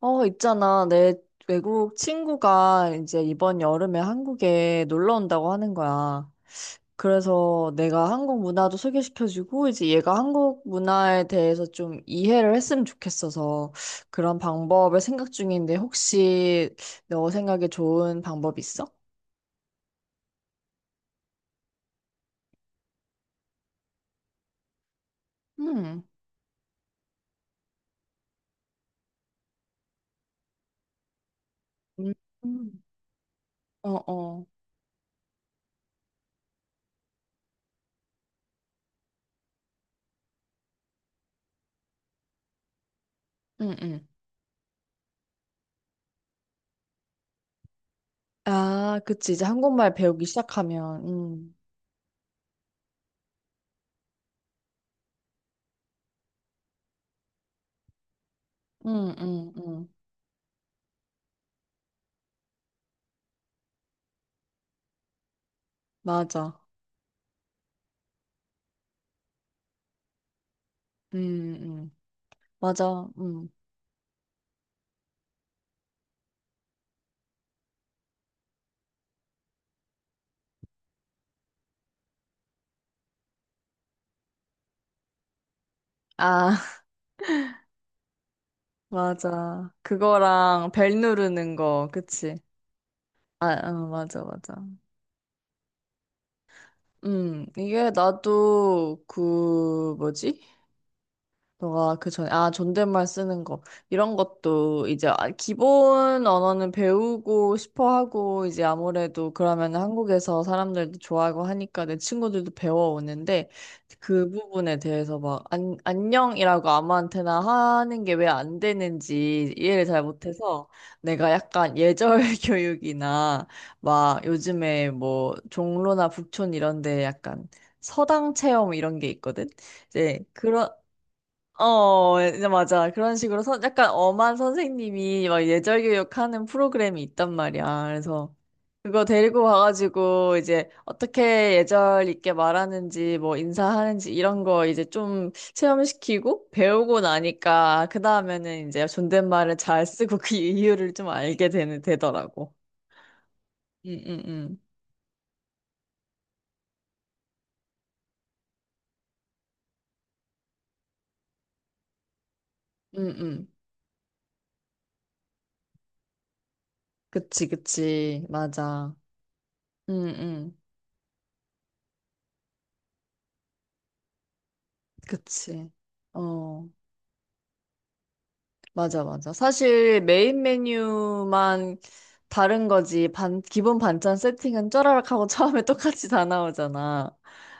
어, 있잖아. 내 외국 친구가 이제 이번 여름에 한국에 놀러 온다고 하는 거야. 그래서 내가 한국 문화도 소개시켜주고, 이제 얘가 한국 문화에 대해서 좀 이해를 했으면 좋겠어서 그런 방법을 생각 중인데, 혹시 너 생각에 좋은 방법 있어? 음, 음. 음. 어, 어, 응, 응, 아, 그치. 이제 한국말 배우기 시작하면, 응, 응, 응, 맞아. 응, 응. 맞아. 음. 아, 맞아. 그거랑 벨 누르는 거, 그치? 아, 어, 맞아, 맞아. 이게 나도 그, 뭐지? 너가 그 전에, 아, 존댓말 쓰는 거. 이런 것도 이제 기본 언어는 배우고 싶어 하고, 이제 아무래도 그러면 한국에서 사람들도 좋아하고 하니까 내 친구들도 배워오는데, 그 부분에 대해서 막, 안, 안녕이라고 아무한테나 하는 게 왜 안 되는지 이해를 잘 못해서, 내가 약간 예절 교육이나, 막 요즘에 뭐, 종로나 북촌 이런 데 약간 서당 체험 이런 게 있거든? 이제 그런 어, 예, 이제 맞아. 그런 식으로 선, 약간 엄한 선생님이 막 예절 교육하는 프로그램이 있단 말이야. 그래서 그거 데리고 가가지고 이제 어떻게 예절 있게 말하는지 뭐 인사하는지 이런 거 이제 좀 체험시키고 배우고 나니까 그 다음에는 이제 존댓말을 잘 쓰고 그 이유를 좀 알게 되는, 되더라고. 응, 응, 응. 응, 응. 그치, 그치. 맞아. 응, 응. 그치. 어. 맞아, 맞아. 사실 메인 메뉴만 다른 거지. 기본 반찬 세팅은 쪼라락하고 처음에 똑같이 다 나오잖아.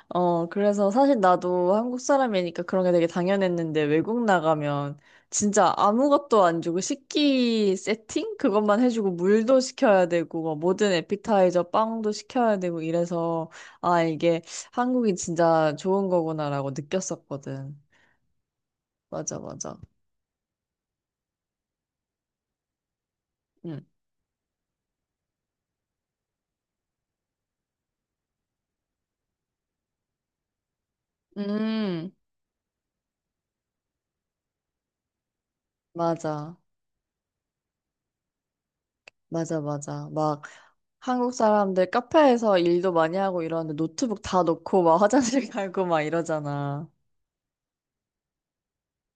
어, 그래서 사실 나도 한국 사람이니까 그런 게 되게 당연했는데 외국 나가면 진짜 아무것도 안 주고 식기 세팅? 그것만 해주고 물도 시켜야 되고 뭐 모든 에피타이저 빵도 시켜야 되고 이래서 아, 이게 한국이 진짜 좋은 거구나라고 느꼈었거든. 맞아, 맞아. 응. 음, 맞아. 맞아, 맞아. 막 한국 사람들 카페에서 일도 많이 하고 이러는데 노트북 다 놓고 막 화장실 가고 막 이러잖아.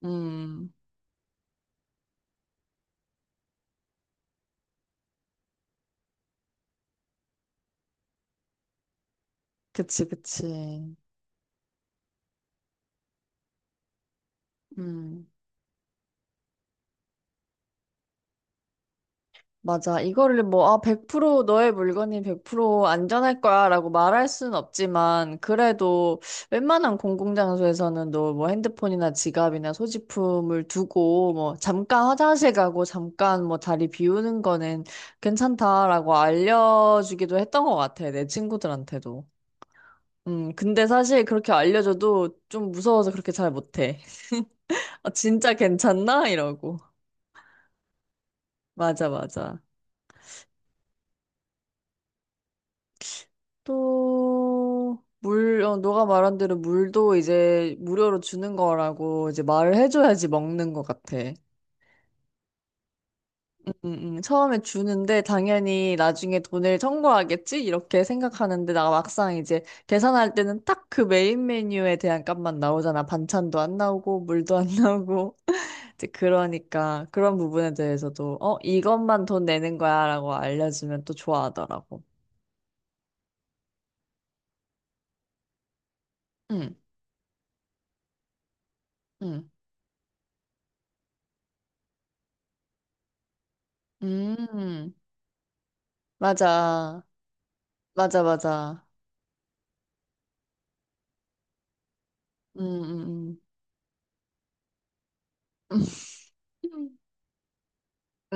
음, 그치, 그치. 음. 맞아. 이거를 뭐, 아, 100% 너의 물건이 100% 안전할 거야 라고 말할 순 없지만, 그래도 웬만한 공공장소에서는 너 뭐 핸드폰이나 지갑이나 소지품을 두고, 뭐, 잠깐 화장실 가고, 잠깐 뭐 다리 비우는 거는 괜찮다라고 알려주기도 했던 것 같아. 내 친구들한테도. 근데 사실 그렇게 알려줘도 좀 무서워서 그렇게 잘 못해. 아, 진짜 괜찮나? 이러고. 맞아, 맞아. 또, 물, 어, 너가 말한 대로 물도 이제 무료로 주는 거라고 이제 말을 해줘야지 먹는 것 같아. 음. 처음에 주는데 당연히 나중에 돈을 청구하겠지? 이렇게 생각하는데 나 막상 이제 계산할 때는 딱 그 메인 메뉴에 대한 값만 나오잖아. 반찬도 안 나오고 물도 안 나오고. 이제 그러니까 그런 부분에 대해서도 어, 이것만 돈 내는 거야라고 알려주면 또 좋아하더라고. 응, 응, 음, 맞아. 맞아, 맞아. 음, 음, 음.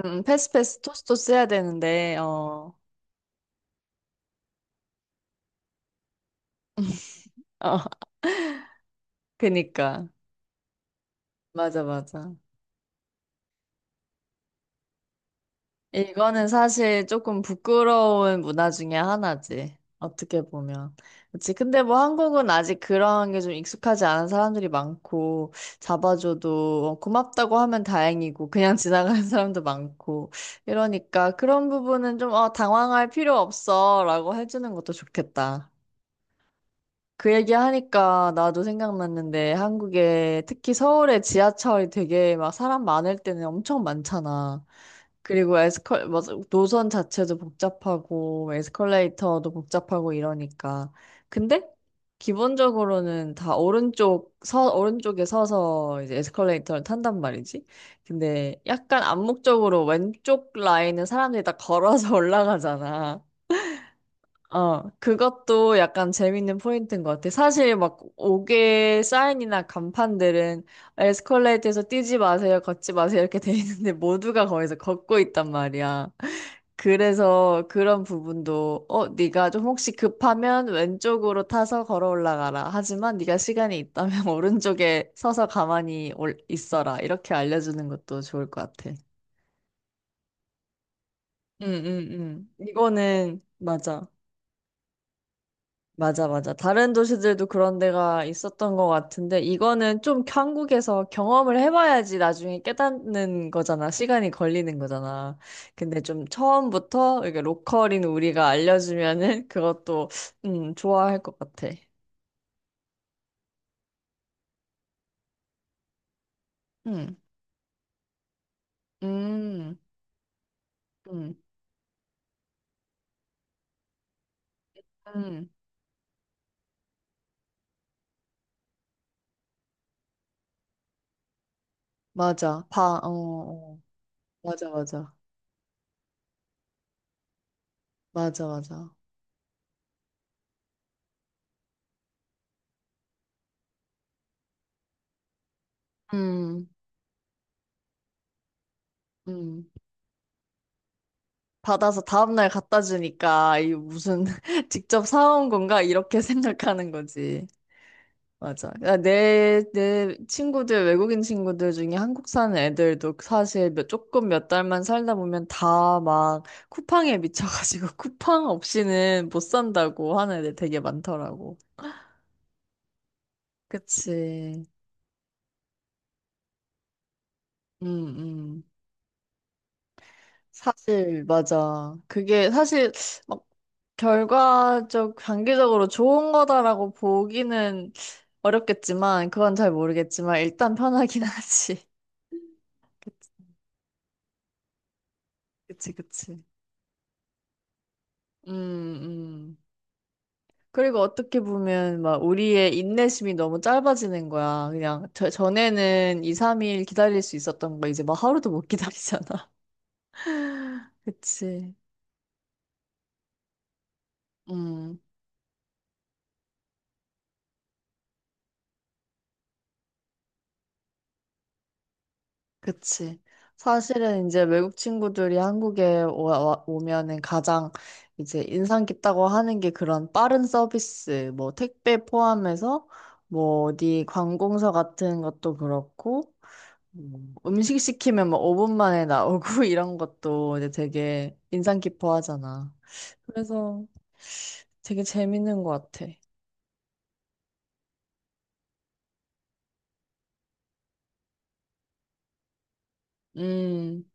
패스패스 토스토스 해야 되는데, 어, 어, 그니까. 맞아, 맞아. 이거는 사실 조금 부끄러운 문화 중에 하나지. 어떻게 보면. 그치. 근데 뭐 한국은 아직 그런 게 좀 익숙하지 않은 사람들이 많고, 잡아줘도 어, 고맙다고 하면 다행이고, 그냥 지나가는 사람도 많고, 이러니까 그런 부분은 좀, 어, 당황할 필요 없어. 라고 해주는 것도 좋겠다. 그 얘기하니까 나도 생각났는데 한국에 특히 서울의 지하철이 되게 막 사람 많을 때는 엄청 많잖아. 그리고 뭐, 노선 자체도 복잡하고 에스컬레이터도 복잡하고 이러니까. 근데 기본적으로는 다 오른쪽, 오른쪽에 서서 이제 에스컬레이터를 탄단 말이지. 근데 약간 암묵적으로 왼쪽 라인은 사람들이 다 걸어서 올라가잖아. 어, 그것도 약간 재밌는 포인트인 것 같아. 사실 막 옥외 사인이나 간판들은 에스컬레이터에서 뛰지 마세요, 걷지 마세요 이렇게 돼 있는데 모두가 거기서 걷고 있단 말이야. 그래서 그런 부분도 어, 네가 좀 혹시 급하면 왼쪽으로 타서 걸어 올라가라. 하지만 네가 시간이 있다면 오른쪽에 서서 가만히 있어라. 이렇게 알려주는 것도 좋을 것 같아. 응, 응, 응. 이거는 맞아. 맞아, 맞아. 다른 도시들도 그런 데가 있었던 것 같은데, 이거는 좀 한국에서 경험을 해봐야지 나중에 깨닫는 거잖아. 시간이 걸리는 거잖아. 근데 좀 처음부터 이게 로컬인 우리가 알려주면은 그것도, 좋아할 것 같아. 음, 음, 음, 음. 맞아. 어, 어. 맞아, 맞아. 맞아, 맞아. 음, 음. 받아서 다음날 갖다 주니까 이 무슨 직접 사온 건가 이렇게 생각하는 거지. 맞아. 야, 내 친구들, 외국인 친구들 중에 한국 사는 애들도 사실 몇, 조금 몇 달만 살다 보면 다 막 쿠팡에 미쳐가지고 쿠팡 없이는 못 산다고 하는 애들 되게 많더라고. 그치. 음, 음. 사실, 맞아. 그게 사실 막 결과적, 단기적으로 좋은 거다라고 보기는 어렵겠지만, 그건 잘 모르겠지만, 일단 편하긴 하지. 그치, 그치, 그치. 음, 음. 그리고 어떻게 보면, 막, 우리의 인내심이 너무 짧아지는 거야. 그냥, 저, 전에는 2, 3일 기다릴 수 있었던 거, 이제 막 하루도 못 기다리잖아. 그치. 음. 그치. 사실은 이제 외국 친구들이 한국에 오면은 가장 이제 인상 깊다고 하는 게 그런 빠른 서비스, 뭐 택배 포함해서 뭐 어디 관공서 같은 것도 그렇고, 음식 시키면 뭐 5분 만에 나오고 이런 것도 이제 되게 인상 깊어 하잖아. 그래서 되게 재밌는 것 같아. 음,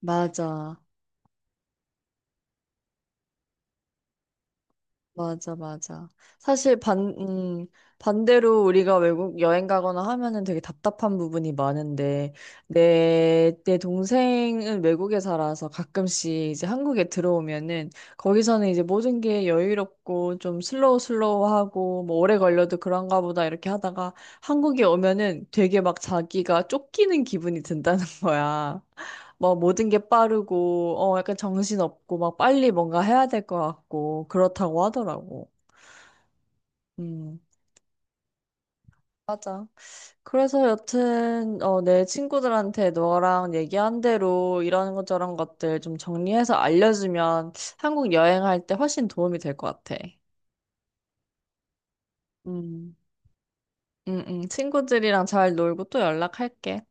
맞아. 맞아, 맞아. 사실 반, 반대로 우리가 외국 여행 가거나 하면은 되게 답답한 부분이 많은데, 내 동생은 외국에 살아서 가끔씩 이제 한국에 들어오면은, 거기서는 이제 모든 게 여유롭고 좀 슬로우 슬로우하고, 뭐 오래 걸려도 그런가 보다 이렇게 하다가, 한국에 오면은 되게 막 자기가 쫓기는 기분이 든다는 거야. 뭐 모든 게 빠르고, 어, 약간 정신 없고, 막 빨리 뭔가 해야 될 것 같고, 그렇다고 하더라고. 음, 맞아. 그래서 여튼, 어, 내 친구들한테 너랑 얘기한 대로 이런 것 저런 것들 좀 정리해서 알려주면 한국 여행할 때 훨씬 도움이 될 것 같아. 음, 친구들이랑 잘 놀고 또 연락할게.